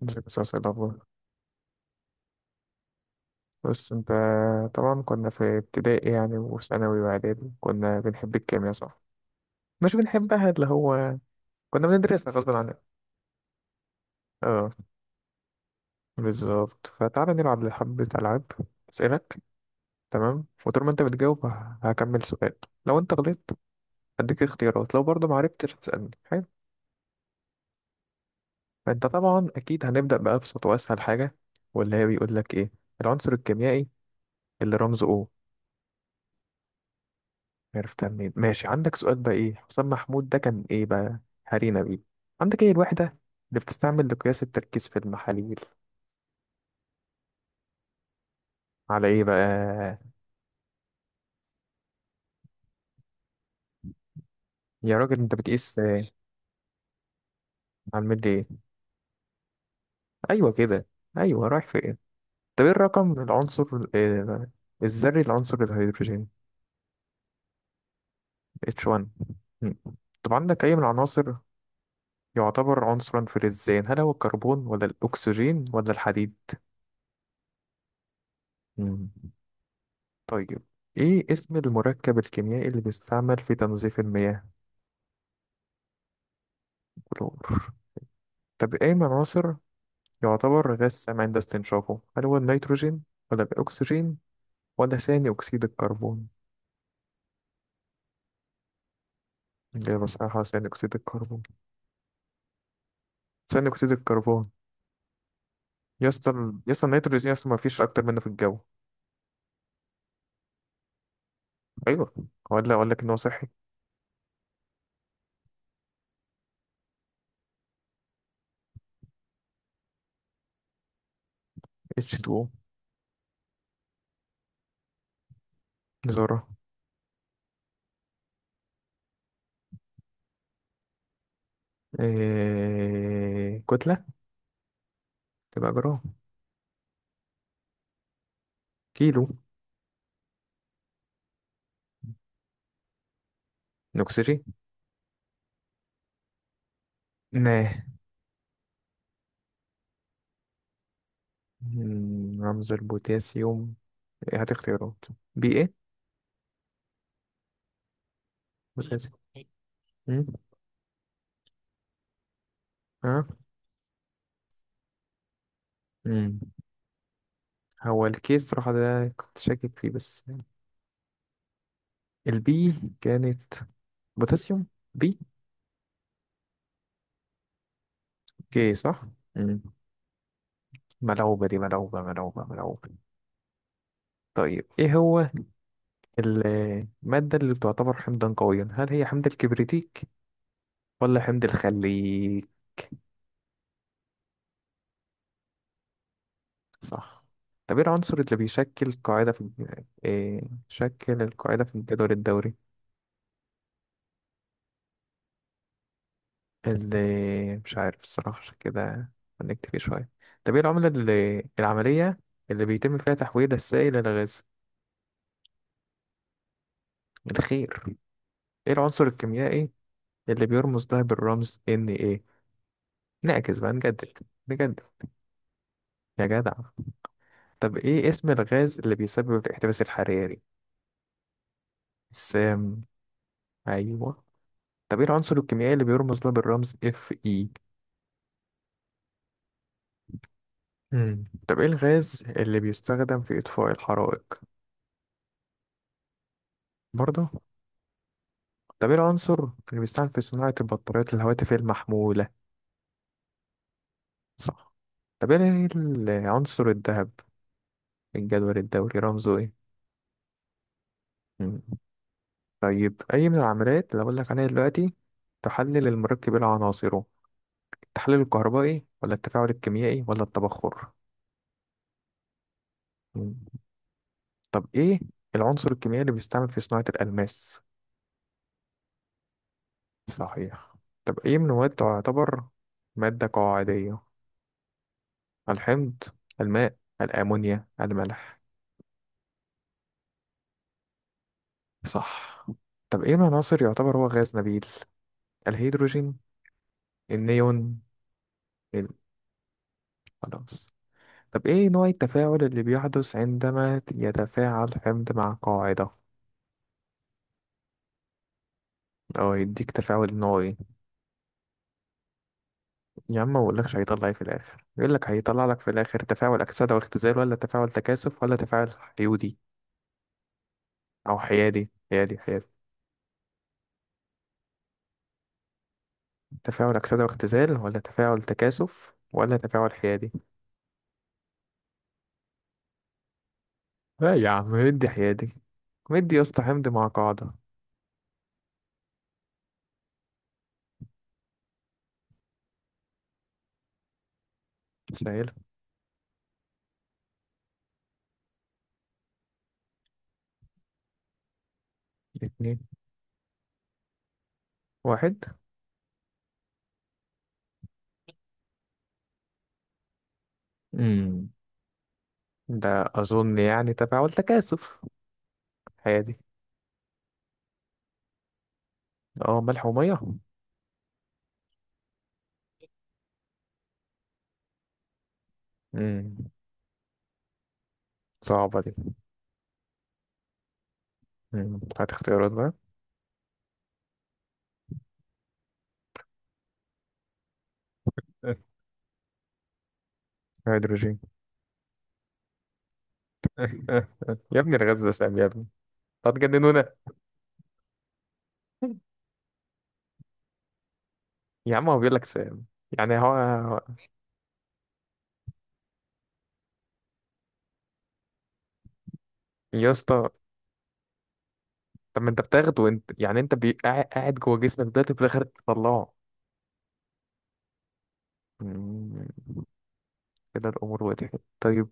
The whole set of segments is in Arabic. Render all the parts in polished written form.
بس أسأل الأخبار. بس أنت، طبعا كنا في ابتدائي يعني وثانوي وإعدادي، كنا بنحب الكيمياء صح؟ مش بنحبها اللي هو كنا بندرسها غصب عننا. اه، بالظبط، فتعالى نلعب حبة ألعاب. أسألك، تمام، وطول ما أنت بتجاوب هكمل سؤال. لو أنت غلطت هديك اختيارات، لو برضه معرفتش تسألني. حلو. فأنت طبعا أكيد هنبدأ بأبسط وأسهل حاجة، واللي هي بيقول لك إيه العنصر الكيميائي اللي رمزه O؟ عرفتها منين؟ ماشي. عندك سؤال بقى، ايه حسام محمود ده كان ايه بقى؟ هارينا بيه. عندك ايه الوحدة اللي بتستعمل لقياس التركيز في المحاليل؟ على ايه بقى؟ يا راجل انت بتقيس على الملي ايه؟ ايوه كده، ايوه، رايح فين؟ طب ايه الرقم العنصر آه، الذري لعنصر الهيدروجين؟ H1. مم. طب عندك اي من العناصر يعتبر عنصرا فلزيا، هل هو الكربون ولا الاكسجين ولا الحديد؟ مم. طيب، ايه اسم المركب الكيميائي اللي بيستعمل في تنظيف المياه؟ كلور. طب ايه من العناصر يعتبر غاز سام عند استنشافه، هل هو النيتروجين ولا الاكسجين ولا ثاني اكسيد الكربون؟ الاجابه صحيحه ثاني اكسيد الكربون. ثاني اكسيد الكربون. يسطا يسطا النيتروجين يسطا ما فيش اكتر منه في الجو. ايوه، ولا اقول لك ان هو صحي. H2O. ذره. كتله. تبقى جرام. كيلو. الاكسجين. ناه. مم، رمز البوتاسيوم؟ إيه، هات اختيارات. بي ايه؟ بوتاسيوم. مم. اه. مم. هو الكيس صراحة ده كنت شاكك فيه، بس البي كانت بوتاسيوم. بي. كي صح. مم. ملعوبة دي، ملعوبة، ملعوبة، ملعوبة. طيب ايه هو المادة اللي تعتبر حمضا قويا، هل هي حمض الكبريتيك ولا حمض الخليك؟ صح. طب ايه العنصر اللي بيشكل قاعدة في إيه شكل القاعدة في الجدول الدوري؟ اللي مش عارف الصراحة، عشان كده هنكتفي شوية. طب ايه العملة اللي العملية اللي بيتم فيها تحويل السائل إلى غاز؟ الخير. ايه العنصر الكيميائي اللي بيرمز ده بالرمز Na؟ نعكس بقى نجدد. نجدد يا جدع. طب ايه اسم الغاز اللي بيسبب الاحتباس الحراري؟ السام. ايوه. طب ايه العنصر الكيميائي اللي بيرمز له بالرمز Fe؟ مم. طب ايه الغاز اللي بيستخدم في إطفاء الحرائق؟ برضه. طب ايه العنصر اللي بيستعمل في صناعة البطاريات الهواتف المحمولة؟ صح. طب ايه العنصر الذهب الجدول الدوري رمزه ايه؟ مم. طيب أي من العمليات اللي أقول لك عليها دلوقتي تحلل المركب إلى عناصره، التحلل الكهربائي ولا التفاعل الكيميائي ولا التبخر؟ مم. طب إيه العنصر الكيميائي اللي بيستعمل في صناعة الألماس؟ صحيح. طب أي من المواد تعتبر مادة قاعدية، الحمض الماء الأمونيا الملح؟ صح. طب ايه العناصر يعتبر هو غاز نبيل، الهيدروجين؟ النيون. ال- خلاص. طب ايه نوع التفاعل اللي بيحدث عندما يتفاعل حمض مع قاعدة، او يديك تفاعل نوعي؟ يا عم، ما بقولكش هيطلع ايه في الاخر، يقول لك هيطلع لك في الاخر تفاعل اكسده واختزال ولا تفاعل تكاثف ولا تفاعل حيودي او حيادي، حيادي، حيادي. تفاعل اكسده واختزال ولا تفاعل تكاثف ولا تفاعل حيادي؟ لا يا عم، مدي حيادي، مدي يا اسطى، حمض مع قاعدة. سهل. اتنين. واحد. امم ده اظن يعني تبع والتكاثف هادي. اه، ملح وميه. امم صعبة دي. هات اختيارات بقى. أه، هيدروجين. أه، أه. يا ابني، الغاز ده سام يا ابني، هتجننونا. يا عم، هو بيقول لك سام، يعني هو. يا اسطى، طب ما انت بتاخده، وانت يعني انت قاعد قاعد جوه جسمك دلوقتي وفي الاخر تطلعه. أمم. كده الامور وضحت. طيب،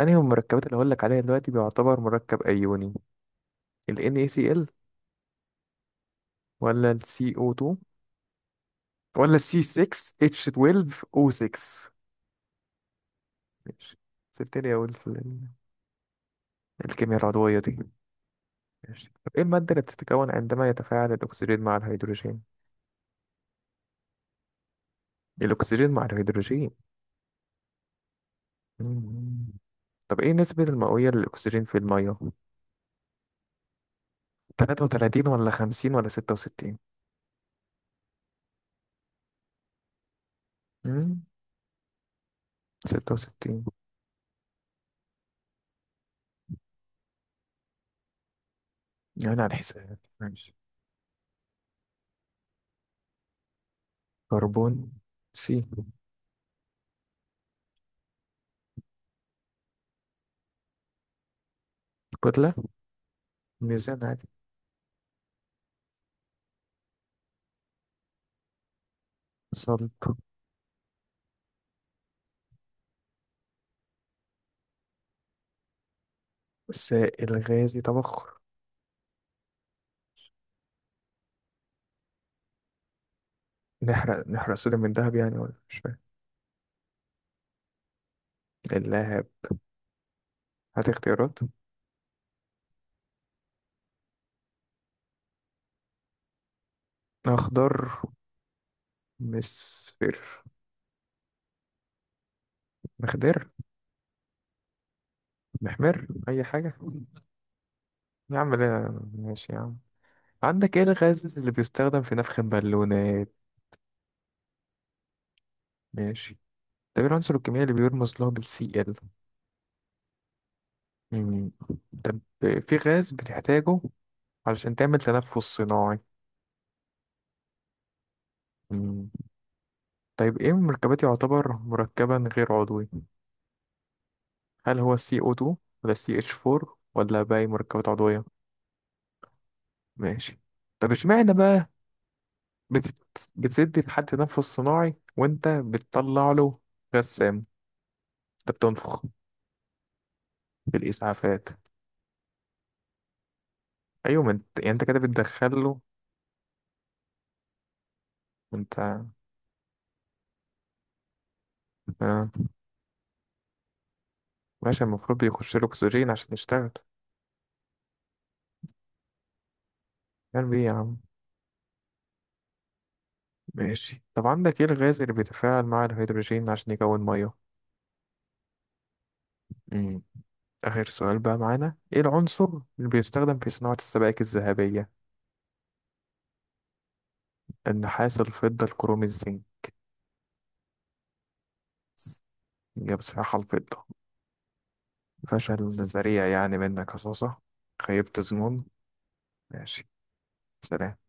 انهي من المركبات اللي هقول لك عليها دلوقتي بيعتبر مركب ايوني، ال NaCl ولا ال CO2 ولا سي 6 اتش 12 او 6؟ ماشي، سبتني اقول في الكيمياء العضوية دي. ماشي. طب ايه المادة اللي بتتكون عندما يتفاعل الاكسجين مع الهيدروجين؟ الاكسجين مع الهيدروجين. مم. طب ايه نسبة المئوية للاكسجين في المية، 33 ولا 50 ولا 66؟ مم. 66. يعني على الحساب ماشي. كربون. سي. كتلة. ميزان عادي. صلب. سائل غازي، تبخر. نحرق، نحرق صوديوم من دهب يعني ولا مش؟ اللاعب. هات اختيارات. اخضر مصفر. مخضر. محمر، اي حاجه. يا عم لا، ماشي يا عم. عندك ايه الغاز اللي بيستخدم في نفخ البالونات؟ ماشي. طب ايه العنصر الكيميائي اللي بيرمز له بالسي ال؟ مم. طب في غاز بتحتاجه علشان تعمل تنفس صناعي؟ مم. طيب ايه مركبات يعتبر مركبا غير عضوي، هل هو CO2 ولا CH4 ولا باقي مركبات عضوية؟ ماشي. طب اشمعنى بقى بتدي لحد تنفس صناعي وانت بتطلع له غسام؟ انت بتنفخ بالاسعافات؟ ايوه، ما انت يعني انت كده بتدخل له. وانت آه. ماشي، المفروض بيخش له اكسجين عشان يشتغل. يعني بيه إيه يا عم؟ ماشي. طب عندك ايه الغاز اللي بيتفاعل مع الهيدروجين عشان يكون ميه؟ امم اخر سؤال بقى معانا، ايه العنصر اللي بيستخدم في صناعة السبائك الذهبية؟ النحاس الفضة الكروم الزنك. يا، بصراحة الفضة، فشل ذريع يعني منك يا صوصة. خيبت ظنون. ماشي. سلام.